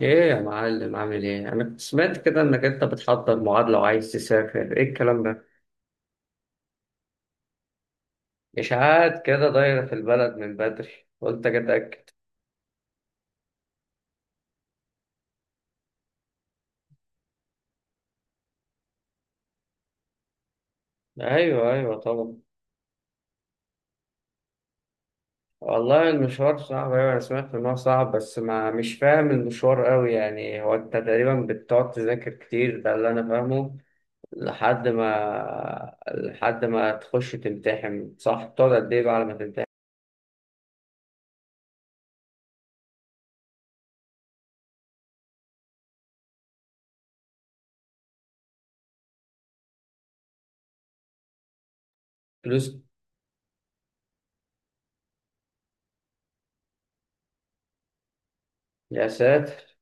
ايه يا معلم عامل ايه؟ انا كنت سمعت كده انك انت بتحضر معادلة وعايز تسافر، ايه الكلام ده؟ اشاعات كده دايرة في البلد من بدري، قلت اجي اتاكد. ايوه ايوه طبعا. والله المشوار صعب، ايوه انا سمعت ان هو صعب بس ما مش فاهم المشوار قوي، يعني هو انت تقريبا بتقعد تذاكر كتير، ده اللي انا فاهمه. لحد ما تخش تمتحن، صح؟ بتقعد قد ايه بقى على ما تمتحن؟ فلوس؟ يا ساتر.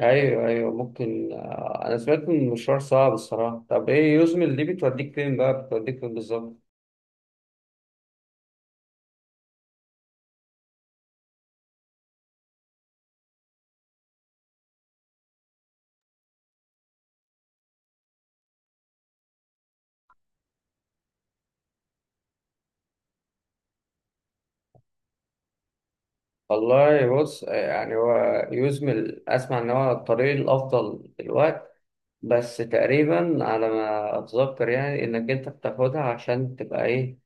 ايوه ايوه ممكن. انا سمعت ان المشوار صعب الصراحه. طب ايه يوزمل دي؟ بتوديك فين بقى؟ بتوديك فين بالظبط؟ والله بص، يعني هو يوزمل، اسمع ان هو الطريق الافضل دلوقتي، بس تقريبا على ما اتذكر يعني انك انت بتاخدها عشان تبقى ايه،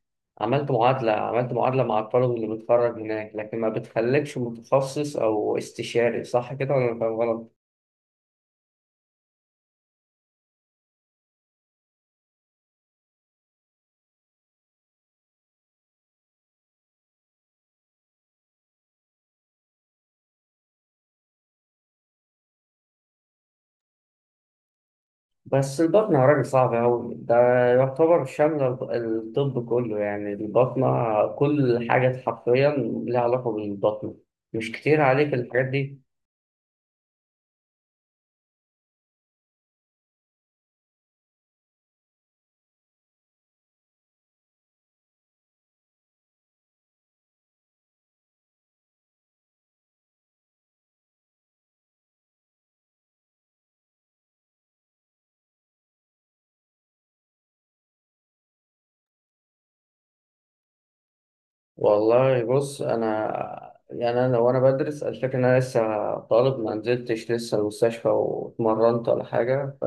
عملت معادله مع الطالب اللي بيتخرج هناك، لكن ما بتخليكش متخصص او استشاري، صح كده ولا أنا فاهم غلط؟ بس البطنة يا راجل صعبة أوي، ده يعتبر شاملة الطب كله، يعني البطنة كل حاجة حرفيا لها علاقة بالبطنة، مش كتير عليك الحاجات دي؟ والله بص أنا، يعني أنا لو أنا بدرس، الفكرة إن أنا لسه طالب، ما نزلتش لسه المستشفى واتمرنت ولا حاجة،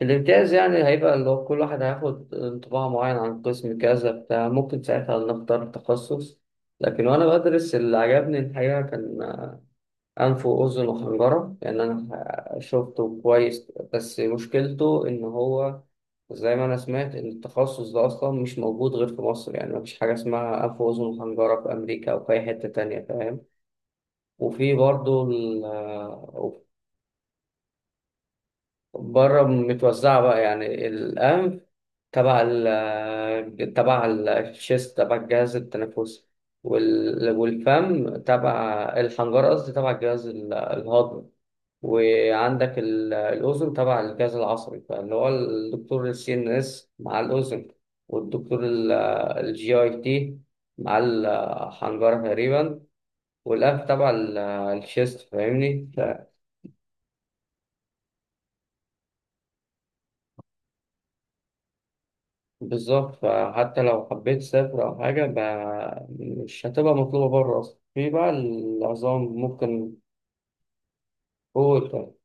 فالامتياز يعني هيبقى اللي هو كل واحد هياخد انطباع معين عن قسم كذا بتاع، ممكن ساعتها نختار تخصص. لكن وأنا بدرس اللي عجبني الحقيقة كان أنف وأذن وحنجرة، لأن أنا شفته كويس، بس مشكلته إن هو زي ما أنا سمعت إن التخصص ده أصلا مش موجود غير في مصر، يعني مفيش حاجة اسمها أنف وأذن وحنجرة في أمريكا أو في أي حتة تانية، فاهم؟ وفي برضه بره متوزعة بقى، يعني الأنف تبع ال تبع الشيست، تبع الجهاز التنفسي، والفم تبع الحنجرة، قصدي تبع الجهاز الهضمي، وعندك الأذن تبع الجهاز العصبي، فاللي هو الدكتور السي إن إس مع الأذن، والدكتور الجي أي تي مع الحنجرة تقريبا، والأنف تبع الشيست، فاهمني؟ بالظبط، فحتى لو حبيت تسافر أو حاجة مش هتبقى مطلوبة بره أصلا. في بقى العظام ممكن فوق.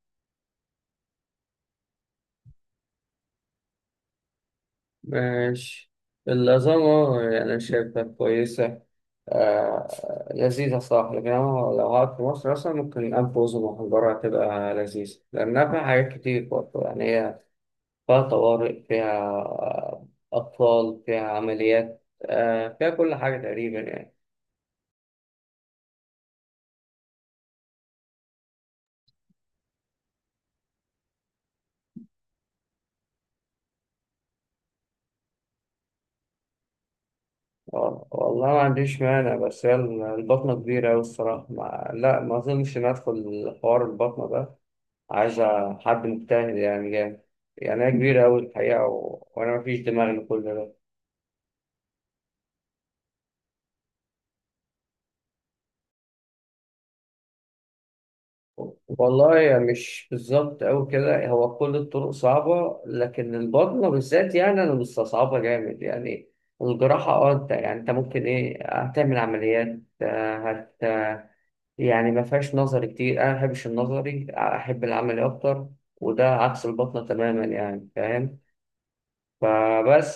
ماشي، العظام، يعني أنا شايفها كويسة، آه، لذيذة صراحة، لكن أنا لو قعدت في مصر أصلا ممكن أنف وأذن محجرة هتبقى لذيذة، لأنها فيها حاجات كتير برضه، يعني هي فيها طوارئ، فيها أطفال، فيها عمليات، آه، فيها كل حاجة تقريبا يعني. والله ما عنديش مانع، بس هي البطنة كبيرة أوي الصراحة، ما أظنش إن أدخل حوار البطنة ده، عايزة حد مجتهد يعني جامد، يعني أنا كبير أوي الحقيقة وأنا مفيش دماغ لكل ده. والله يعني مش بالظبط أوي كده، هو كل الطرق صعبة لكن البطنة بالذات يعني أنا مستصعبها جامد يعني. الجراحة، أه، أنت يعني أنت ممكن إيه، هتعمل عمليات، آه، هت يعني ما فيهاش نظري كتير، أنا ما بحبش النظري، أحب العملي أكتر، وده عكس البطنة تماما، يعني فاهم؟ فبس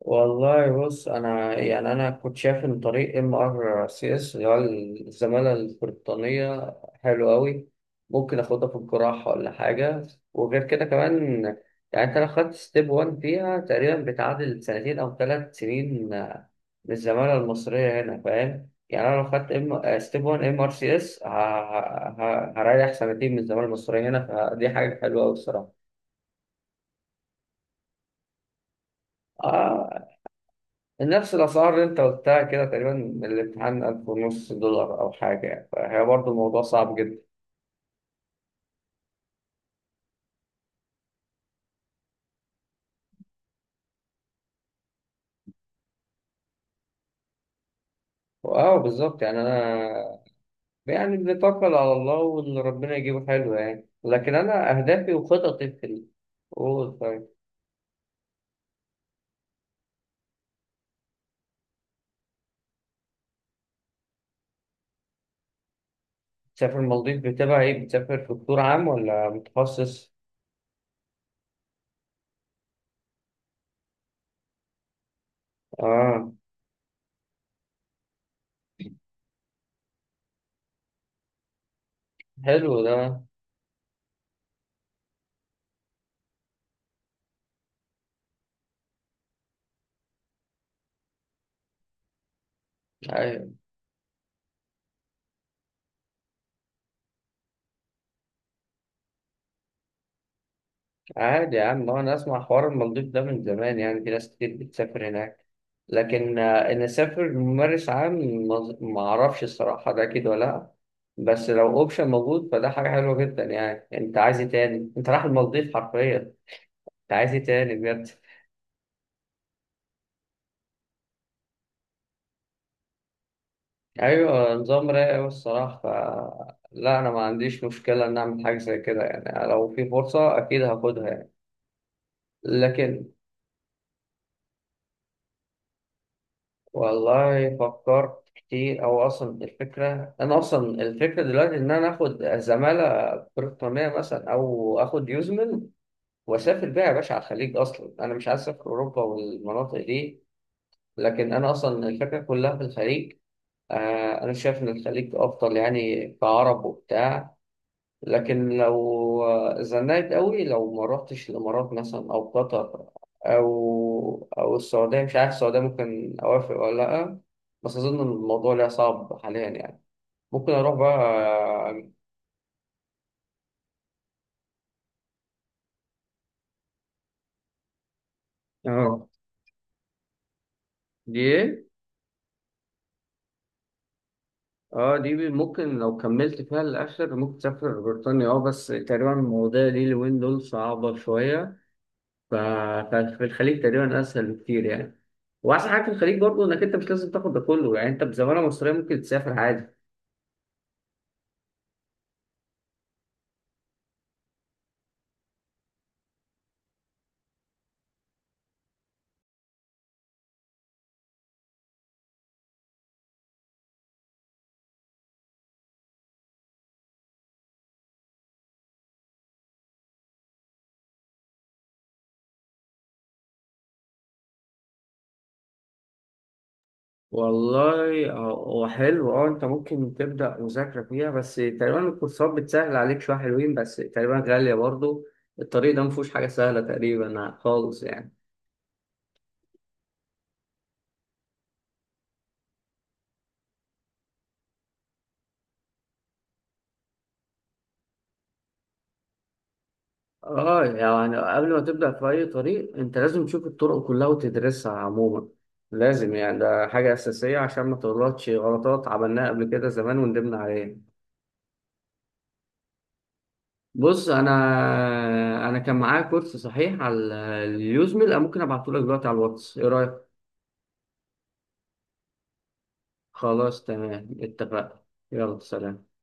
والله بص انا، يعني انا كنت شايف ان طريق ام ار سي اس، اللي هو الزماله البريطانيه، حلو قوي، ممكن اخدها في الجراحه ولا حاجه، وغير كده كمان يعني انت لو خدت ستيب 1 فيها تقريبا بتعادل سنتين او ثلاث سنين، من الزماله المصريه هنا، فاهم؟ يعني انا لو خدت ام ستيب 1 ام ار سي اس هريح سنتين من الزماله المصريه هنا، فدي حاجه حلوه قوي الصراحه. آه، نفس الأسعار اللي أنت قلتها كده تقريبا، الامتحان 1500 دولار أو حاجة يعني، فهي برضه الموضوع صعب جدا. أه بالظبط، يعني أنا يعني بنتوكل على الله، واللي ربنا يجيبه حلو يعني، لكن أنا أهدافي وخططي في قول طيب. تسافر المالديف بتبقى إيه، بتسافر في دكتور عام ولا متخصص؟ أه، حلو ده. عادي يا عم، هو انا اسمع حوار المالديف ده من زمان، يعني في ناس كتير بتسافر هناك، لكن ان اسافر ممارس عام ما اعرفش الصراحه ده كده ولا لا، بس لو اوبشن موجود فده حاجه حلوه جدا، يعني انت عايز ايه تاني؟ انت رايح المالديف حرفيا، انت عايز ايه تاني بجد؟ ايوه نظام رايق أوي الصراحه. لا انا ما عنديش مشكله ان اعمل حاجه زي كده، يعني لو في فرصه اكيد هاخدها يعني، لكن والله فكرت كتير، او اصلا الفكره دلوقتي ان انا اخد زماله بريطانيه مثلا او اخد يوزمل واسافر بيها يا باشا على الخليج، اصلا انا مش عايز اسافر اوروبا والمناطق دي، لكن انا اصلا الفكره كلها في الخليج. آه، انا شايف ان الخليج افضل يعني كعرب وبتاع، لكن لو زنقت قوي لو ما رحتش الامارات مثلا او قطر او السعوديه، مش عارف السعوديه ممكن اوافق ولا لا، بس اظن الموضوع ليها صعب حاليا يعني، ممكن اروح بقى. اه، دي ايه؟ اه دي ممكن لو كملت فيها للاخر ممكن تسافر بريطانيا، اه، بس تقريبا المواضيع دي اليومين دول صعبه شويه، ف- ففي الخليج تقريبا اسهل بكتير يعني، واحسن حاجه في الخليج برضه انك انت مش لازم تاخد ده كله، يعني انت بزماله مصريه ممكن تسافر عادي. والله هو حلو، اه انت ممكن تبدأ مذاكرة فيها، بس تقريبا الكورسات بتسهل عليك شوية، حلوين بس تقريبا غالية برضو، الطريق ده مفهوش حاجة سهلة تقريبا خالص يعني. اه يعني قبل ما تبدأ في أي طريق انت لازم تشوف الطرق كلها وتدرسها عموما، لازم يعني، ده حاجة أساسية عشان ما تغلطش غلطات عملناها قبل كده زمان وندمنا عليها. بص أنا كان معايا كورس صحيح على اليوزميل، أنا ممكن أبعتهولك دلوقتي على الواتس، إيه رأيك؟ خلاص تمام، اتفقنا. يلا سلام.